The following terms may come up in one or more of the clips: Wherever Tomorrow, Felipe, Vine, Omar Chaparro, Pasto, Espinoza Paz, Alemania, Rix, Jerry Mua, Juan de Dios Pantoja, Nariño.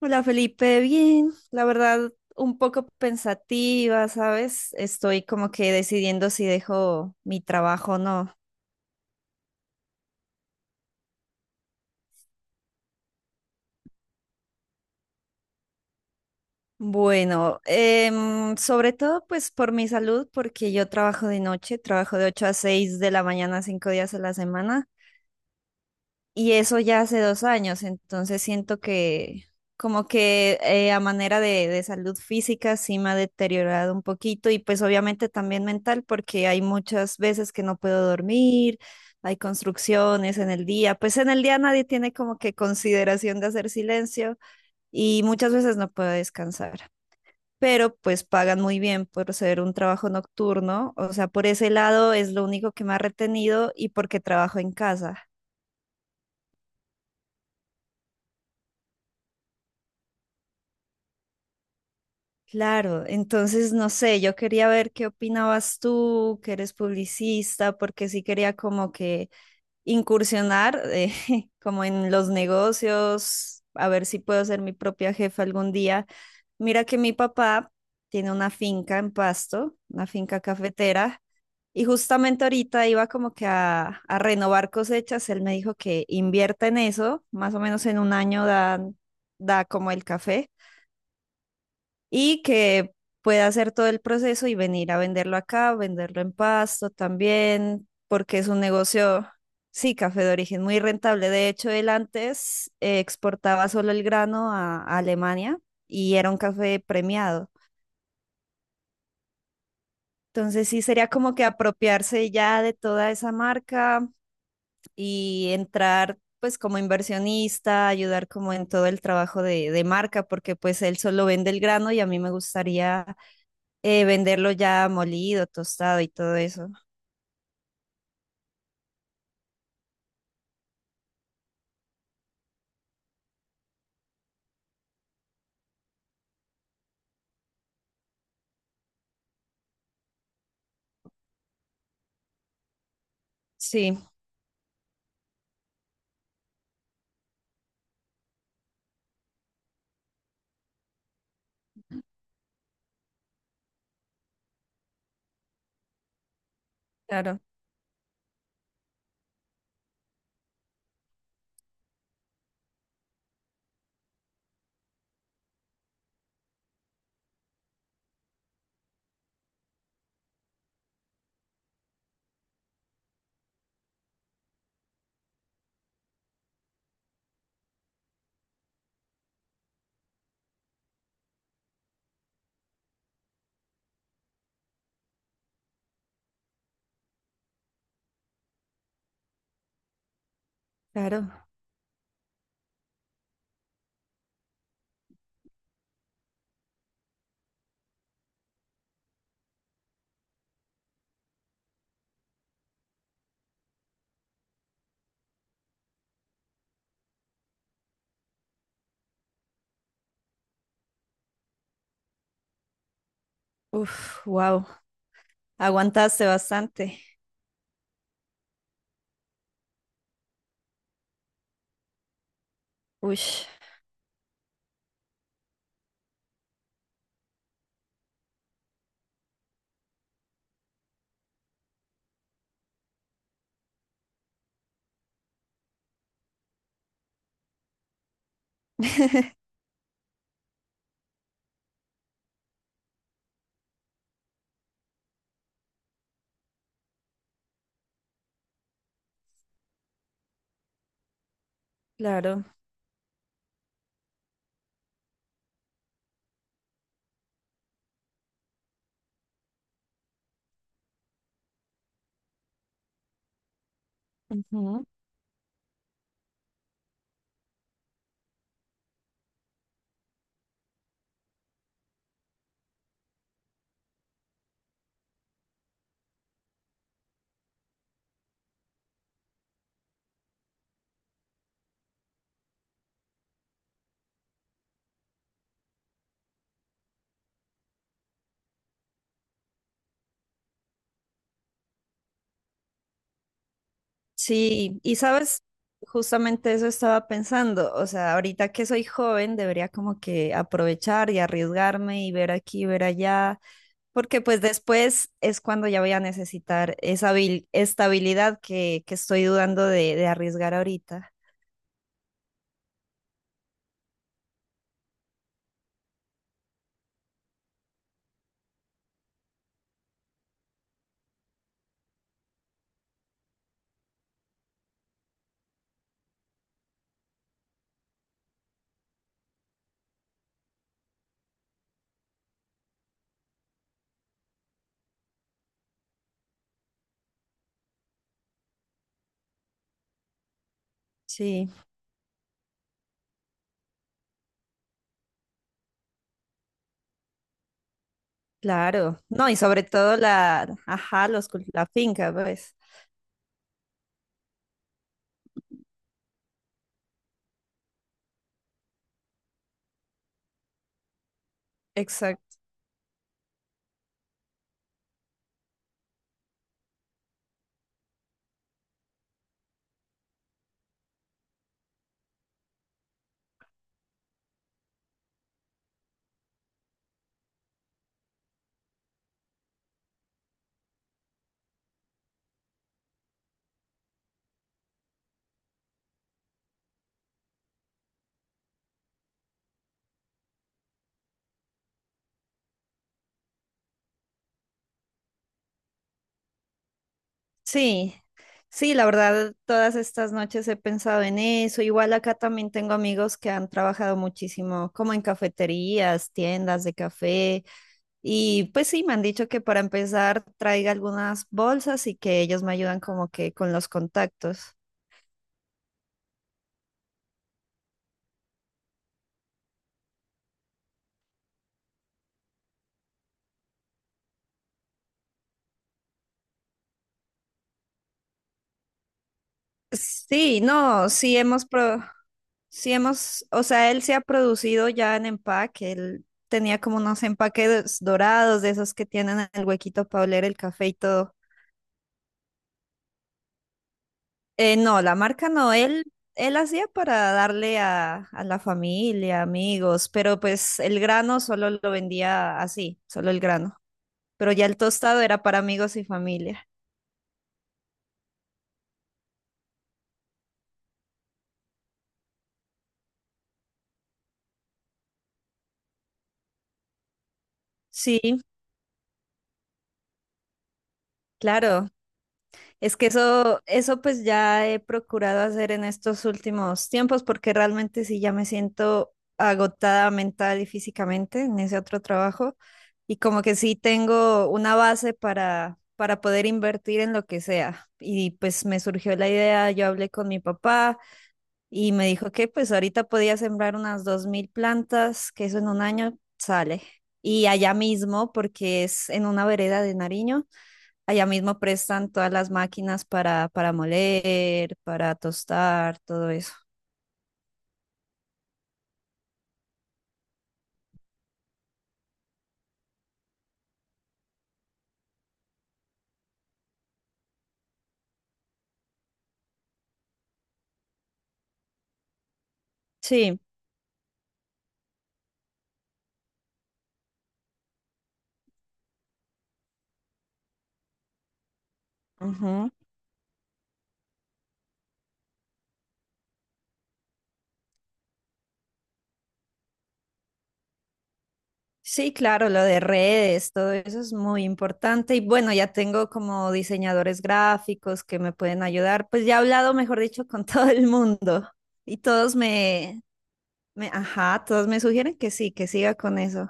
Hola Felipe, bien, la verdad un poco pensativa, ¿sabes? Estoy como que decidiendo si dejo mi trabajo o no. Bueno, sobre todo pues por mi salud, porque yo trabajo de noche, trabajo de 8 a 6 de la mañana, 5 días a la semana. Y eso ya hace 2 años, entonces siento que como que a manera de salud física sí me ha deteriorado un poquito y pues obviamente también mental porque hay muchas veces que no puedo dormir, hay construcciones en el día, pues en el día nadie tiene como que consideración de hacer silencio y muchas veces no puedo descansar, pero pues pagan muy bien por ser un trabajo nocturno, o sea, por ese lado es lo único que me ha retenido y porque trabajo en casa. Claro, entonces no sé, yo quería ver qué opinabas tú, que eres publicista, porque sí quería como que incursionar como en los negocios, a ver si puedo ser mi propia jefa algún día. Mira que mi papá tiene una finca en Pasto, una finca cafetera, y justamente ahorita iba como que a renovar cosechas, él me dijo que invierta en eso, más o menos en un año dan, da como el café y que pueda hacer todo el proceso y venir a venderlo acá, venderlo en Pasto también, porque es un negocio, sí, café de origen muy rentable. De hecho, él antes exportaba solo el grano a Alemania y era un café premiado. Entonces sí sería como que apropiarse ya de toda esa marca y entrar pues como inversionista, ayudar como en todo el trabajo de marca, porque pues él solo vende el grano y a mí me gustaría venderlo ya molido, tostado y todo eso. Sí, claro, claro. Uf, wow. Aguantaste bastante. Uy, claro. Ujú. Sí, y sabes, justamente eso estaba pensando. O sea, ahorita que soy joven, debería como que aprovechar y arriesgarme y ver aquí, ver allá, porque pues después es cuando ya voy a necesitar esa estabilidad que estoy dudando de arriesgar ahorita. Sí. Claro, no, y sobre todo la, ajá, la finca, pues. Exacto. Sí, sí, la verdad, todas estas noches he pensado en eso. Igual acá también tengo amigos que han trabajado muchísimo, como en cafeterías, tiendas de café, y pues sí, me han dicho que para empezar traiga algunas bolsas y que ellos me ayudan como que con los contactos. Sí, no, sí hemos, o sea, él se ha producido ya en empaque, él tenía como unos empaques dorados de esos que tienen el huequito para oler el café y todo. No, la marca no, él hacía para darle a la familia, amigos, pero pues el grano solo lo vendía así, solo el grano, pero ya el tostado era para amigos y familia. Sí, claro. Es que eso pues ya he procurado hacer en estos últimos tiempos porque realmente sí ya me siento agotada mental y físicamente en ese otro trabajo y como que sí tengo una base para poder invertir en lo que sea. Y pues me surgió la idea, yo hablé con mi papá y me dijo que pues ahorita podía sembrar unas 2000 plantas, que eso en un año sale. Y allá mismo, porque es en una vereda de Nariño. Allá mismo prestan todas las máquinas para moler, para tostar, todo eso. Sí, ujú. Sí, claro, lo de redes, todo eso es muy importante. Y bueno, ya tengo como diseñadores gráficos que me pueden ayudar. Pues ya he hablado, mejor dicho, con todo el mundo. Y ajá, todos me sugieren que sí, que siga con eso.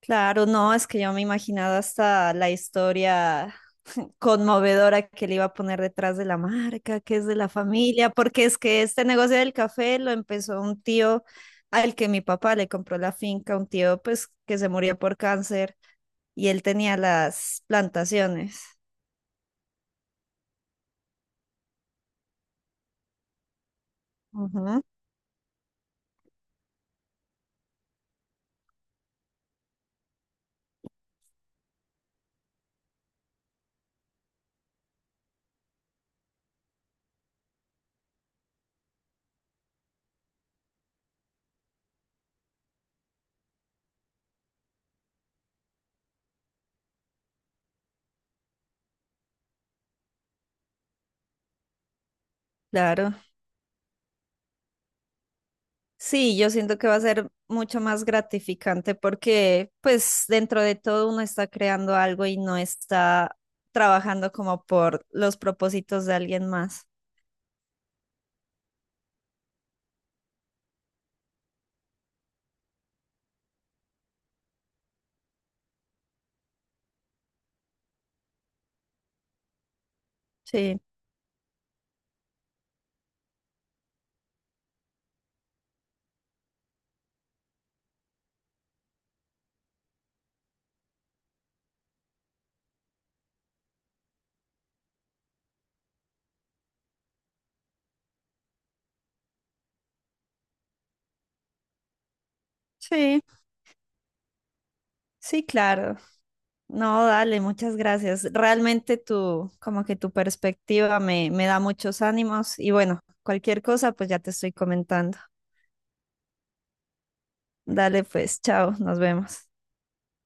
Claro, no, es que yo me imaginaba hasta la historia conmovedora que le iba a poner detrás de la marca, que es de la familia, porque es que este negocio del café lo empezó un tío al que mi papá le compró la finca, un tío pues que se murió por cáncer y él tenía las plantaciones. Ujú, claro. Sí, yo siento que va a ser mucho más gratificante porque pues dentro de todo uno está creando algo y no está trabajando como por los propósitos de alguien más. Sí, sí, sí, claro. No, dale, muchas gracias. Realmente tu, como que tu perspectiva me da muchos ánimos y bueno, cualquier cosa pues ya te estoy comentando. Dale pues, chao, nos vemos.